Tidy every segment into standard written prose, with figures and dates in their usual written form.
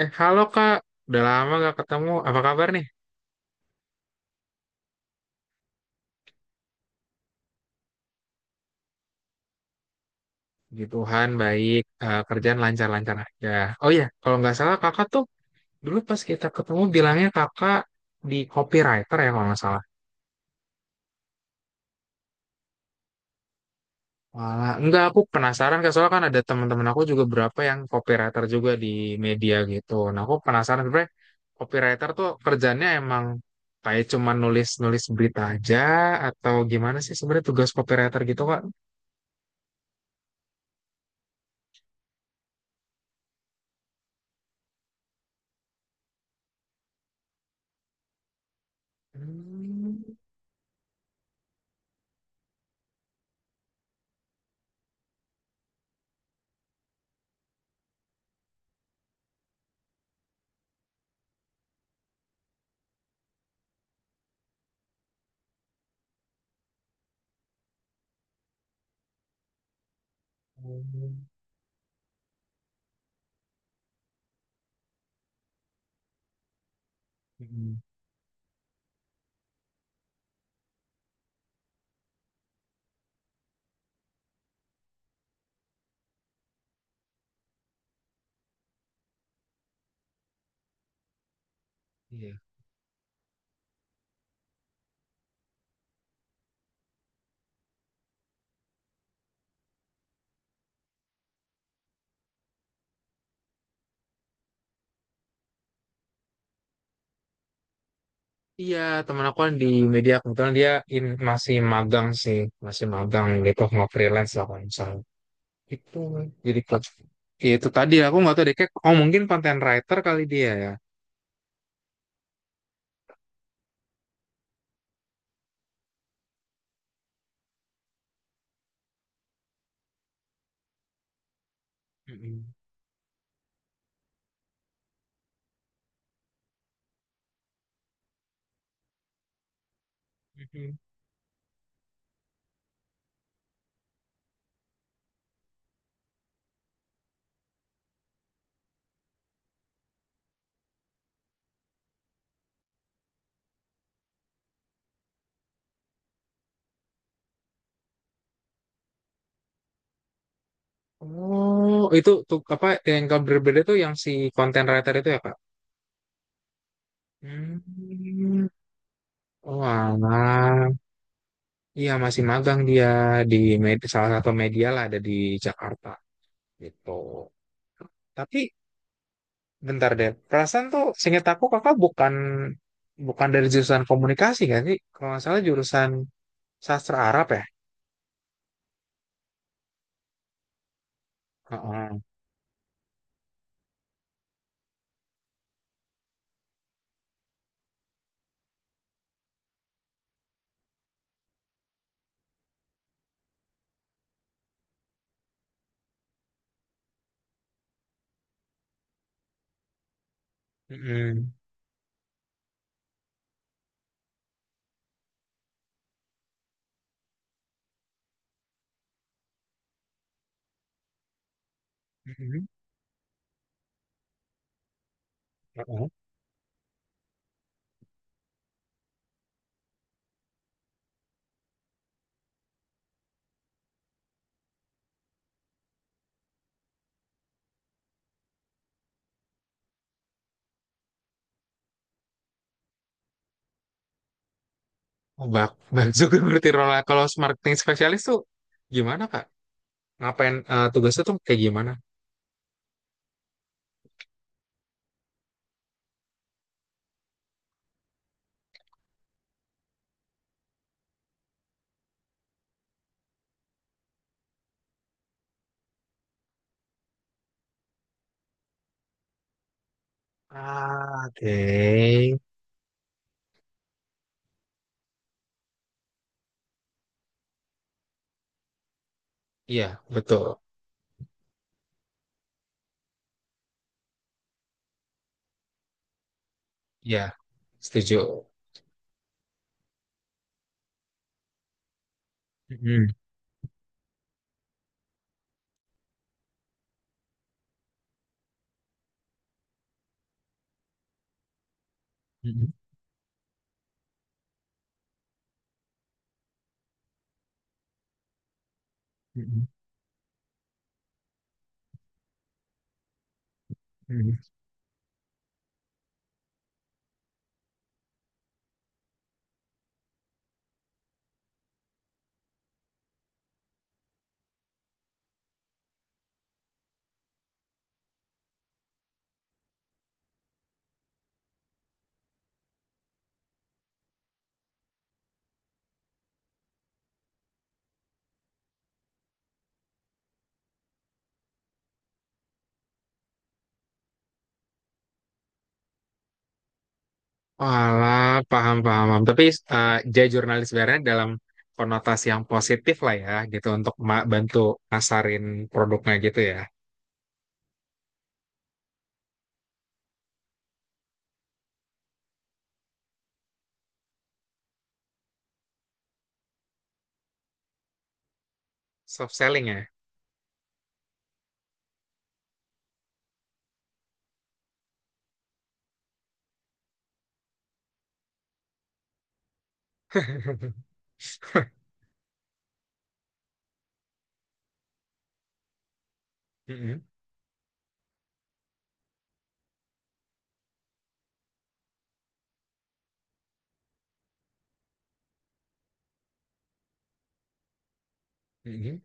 Halo Kak, udah lama gak ketemu. Apa kabar nih? Puji Tuhan, baik. Kerjaan lancar-lancar aja. Oh iya, kalau nggak salah kakak tuh dulu pas kita ketemu bilangnya kakak di copywriter ya kalau nggak salah. Walah, enggak, aku penasaran Kak. Soalnya kan ada teman-teman aku juga berapa yang copywriter juga di media gitu. Nah, aku penasaran sebenarnya copywriter tuh kerjanya emang kayak cuma nulis-nulis berita aja atau gimana sih sebenarnya tugas copywriter gitu Kak? Hmm. Iya, Iya, teman aku kan di media kebetulan dia masih magang sih, masih magang gitu, nggak freelance lah kalau misalnya. Itu jadi klub. Ya, itu tadi aku nggak tahu deh, kayak, oh mungkin content writer kali dia ya. Mm-mm. Mm-mm. Oh, itu tuh apa yang kabar berbeda tuh yang si content writer itu ya Kak? Hmm. Oh, alah. Iya masih magang dia di salah satu media lah ada di Jakarta gitu. Tapi bentar deh. Perasaan tuh seingat aku kakak bukan bukan dari jurusan komunikasi kan sih? Kalau nggak salah jurusan sastra Arab ya? Heeh. Mm-mm. Mm-mm. Heeh. Oh, bak, bak juga berarti role kalau marketing spesialis tuh gimana Kak? Ngapain tugasnya tuh kayak gimana? Ah, oke. Iya, betul. Iya, setuju. Mm-mm. Mm-mm. Mm-mm. Walah, paham, paham, paham. Tapi jadi jurnalis sebenarnya dalam konotasi yang positif lah ya, gitu untuk bantu nasarin produknya gitu ya. Soft selling ya. Mm-mm, mm-mm,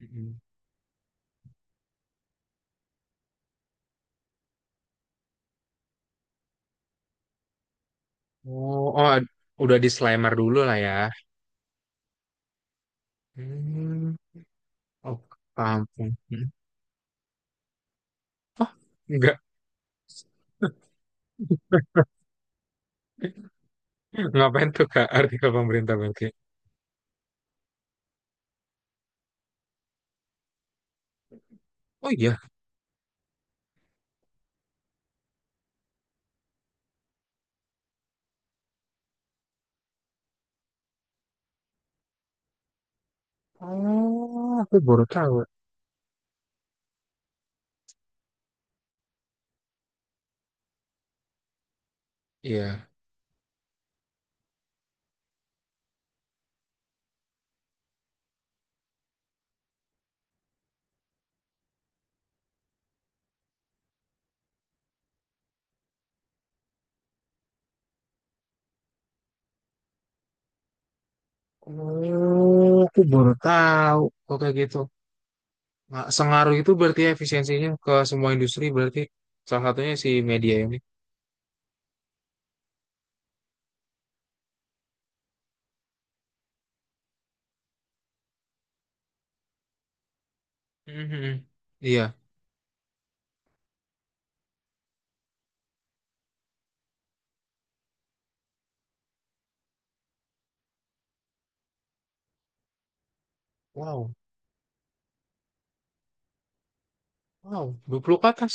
mm-mm. Oh, udah disclaimer dulu lah ya. Hmm, oh, paham. Paham. Mm. Oh, enggak. Ngapain tuh Kak artikel pemerintah Belgia? Oh iya. Oh, aku baru tahu. Iya. Oh, aku baru tahu. Oke gitu. Nah, sengaruh itu berarti efisiensinya ke semua industri berarti salah satunya si media ini. Mhm. Iya. Wow. Wow. 20 ke atas.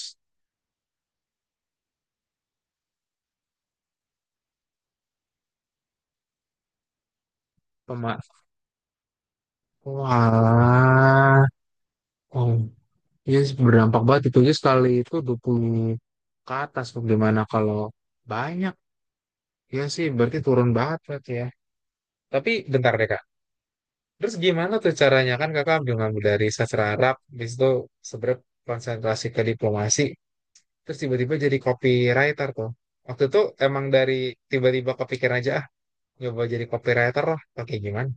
Pema- Wah. Wow. Iya sih, berdampak banget itu aja sekali itu 20 ke atas bagaimana kalau banyak. Iya sih berarti turun banget berarti ya. Tapi bentar deh Kak. Terus gimana tuh caranya kan Kakak ngambil dari sastra Arab, habis itu sebenarnya konsentrasi ke diplomasi. Terus tiba-tiba jadi copywriter tuh. Waktu itu emang dari tiba-tiba kepikiran aja ah nyoba jadi copywriter lah atau kayak gimana.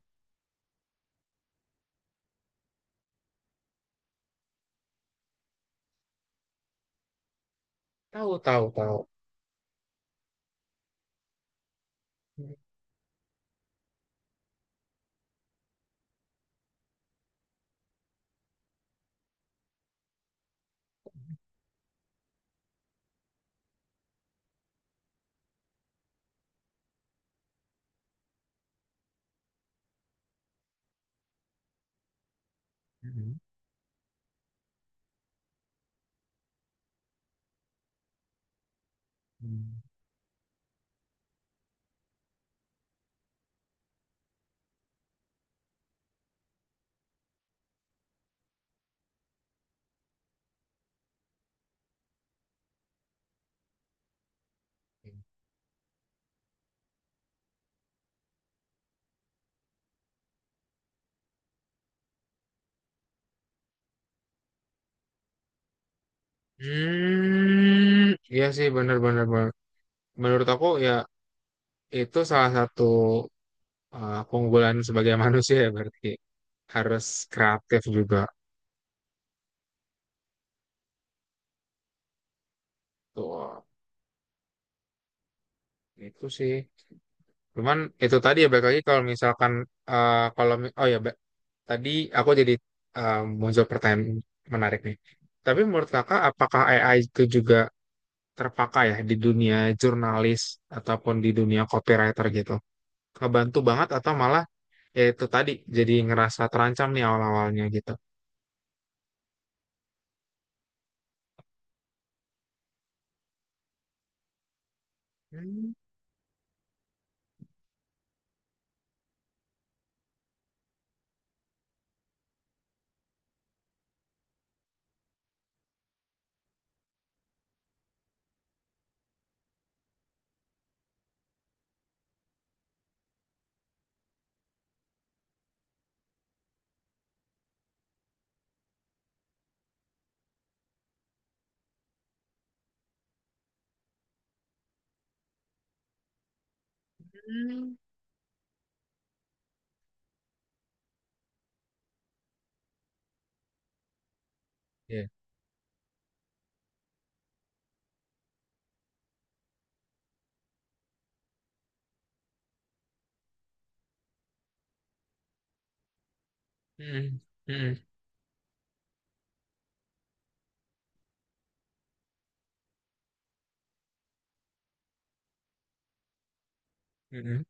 Tahu, tahu, tahu. Hmm, iya sih benar-benar menurut aku ya itu salah satu keunggulan sebagai manusia ya berarti harus kreatif juga. Tuh, itu sih. Cuman itu tadi ya balik lagi kalau misalkan eh, kalau mi- oh ya Ba- tadi aku jadi eh, muncul pertanyaan menarik nih. Tapi menurut kakak apakah AI itu juga terpakai ya di dunia jurnalis ataupun di dunia copywriter gitu? Kebantu banget atau malah ya itu tadi jadi ngerasa terancam nih awal-awalnya gitu. Hmm. Iya. Mm-mm. Mm-mm. Mm-mm.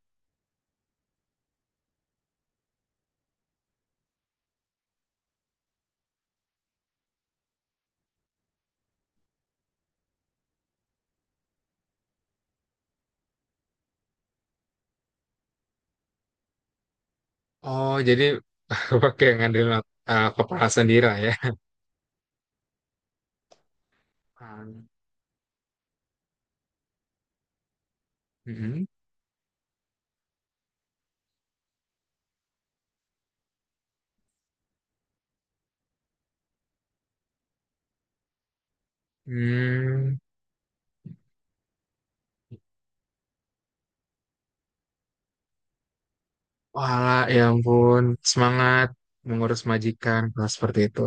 Oh, jadi pakai ngandelin kepala sendiri lah ya. Hmm. Mm-mm. Hmm. Wah, ya ampun, semangat mengurus majikan kalau seperti itu.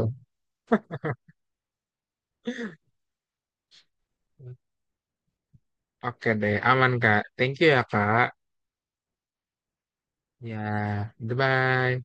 Oke deh, aman Kak. Thank you ya Kak. Ya, goodbye.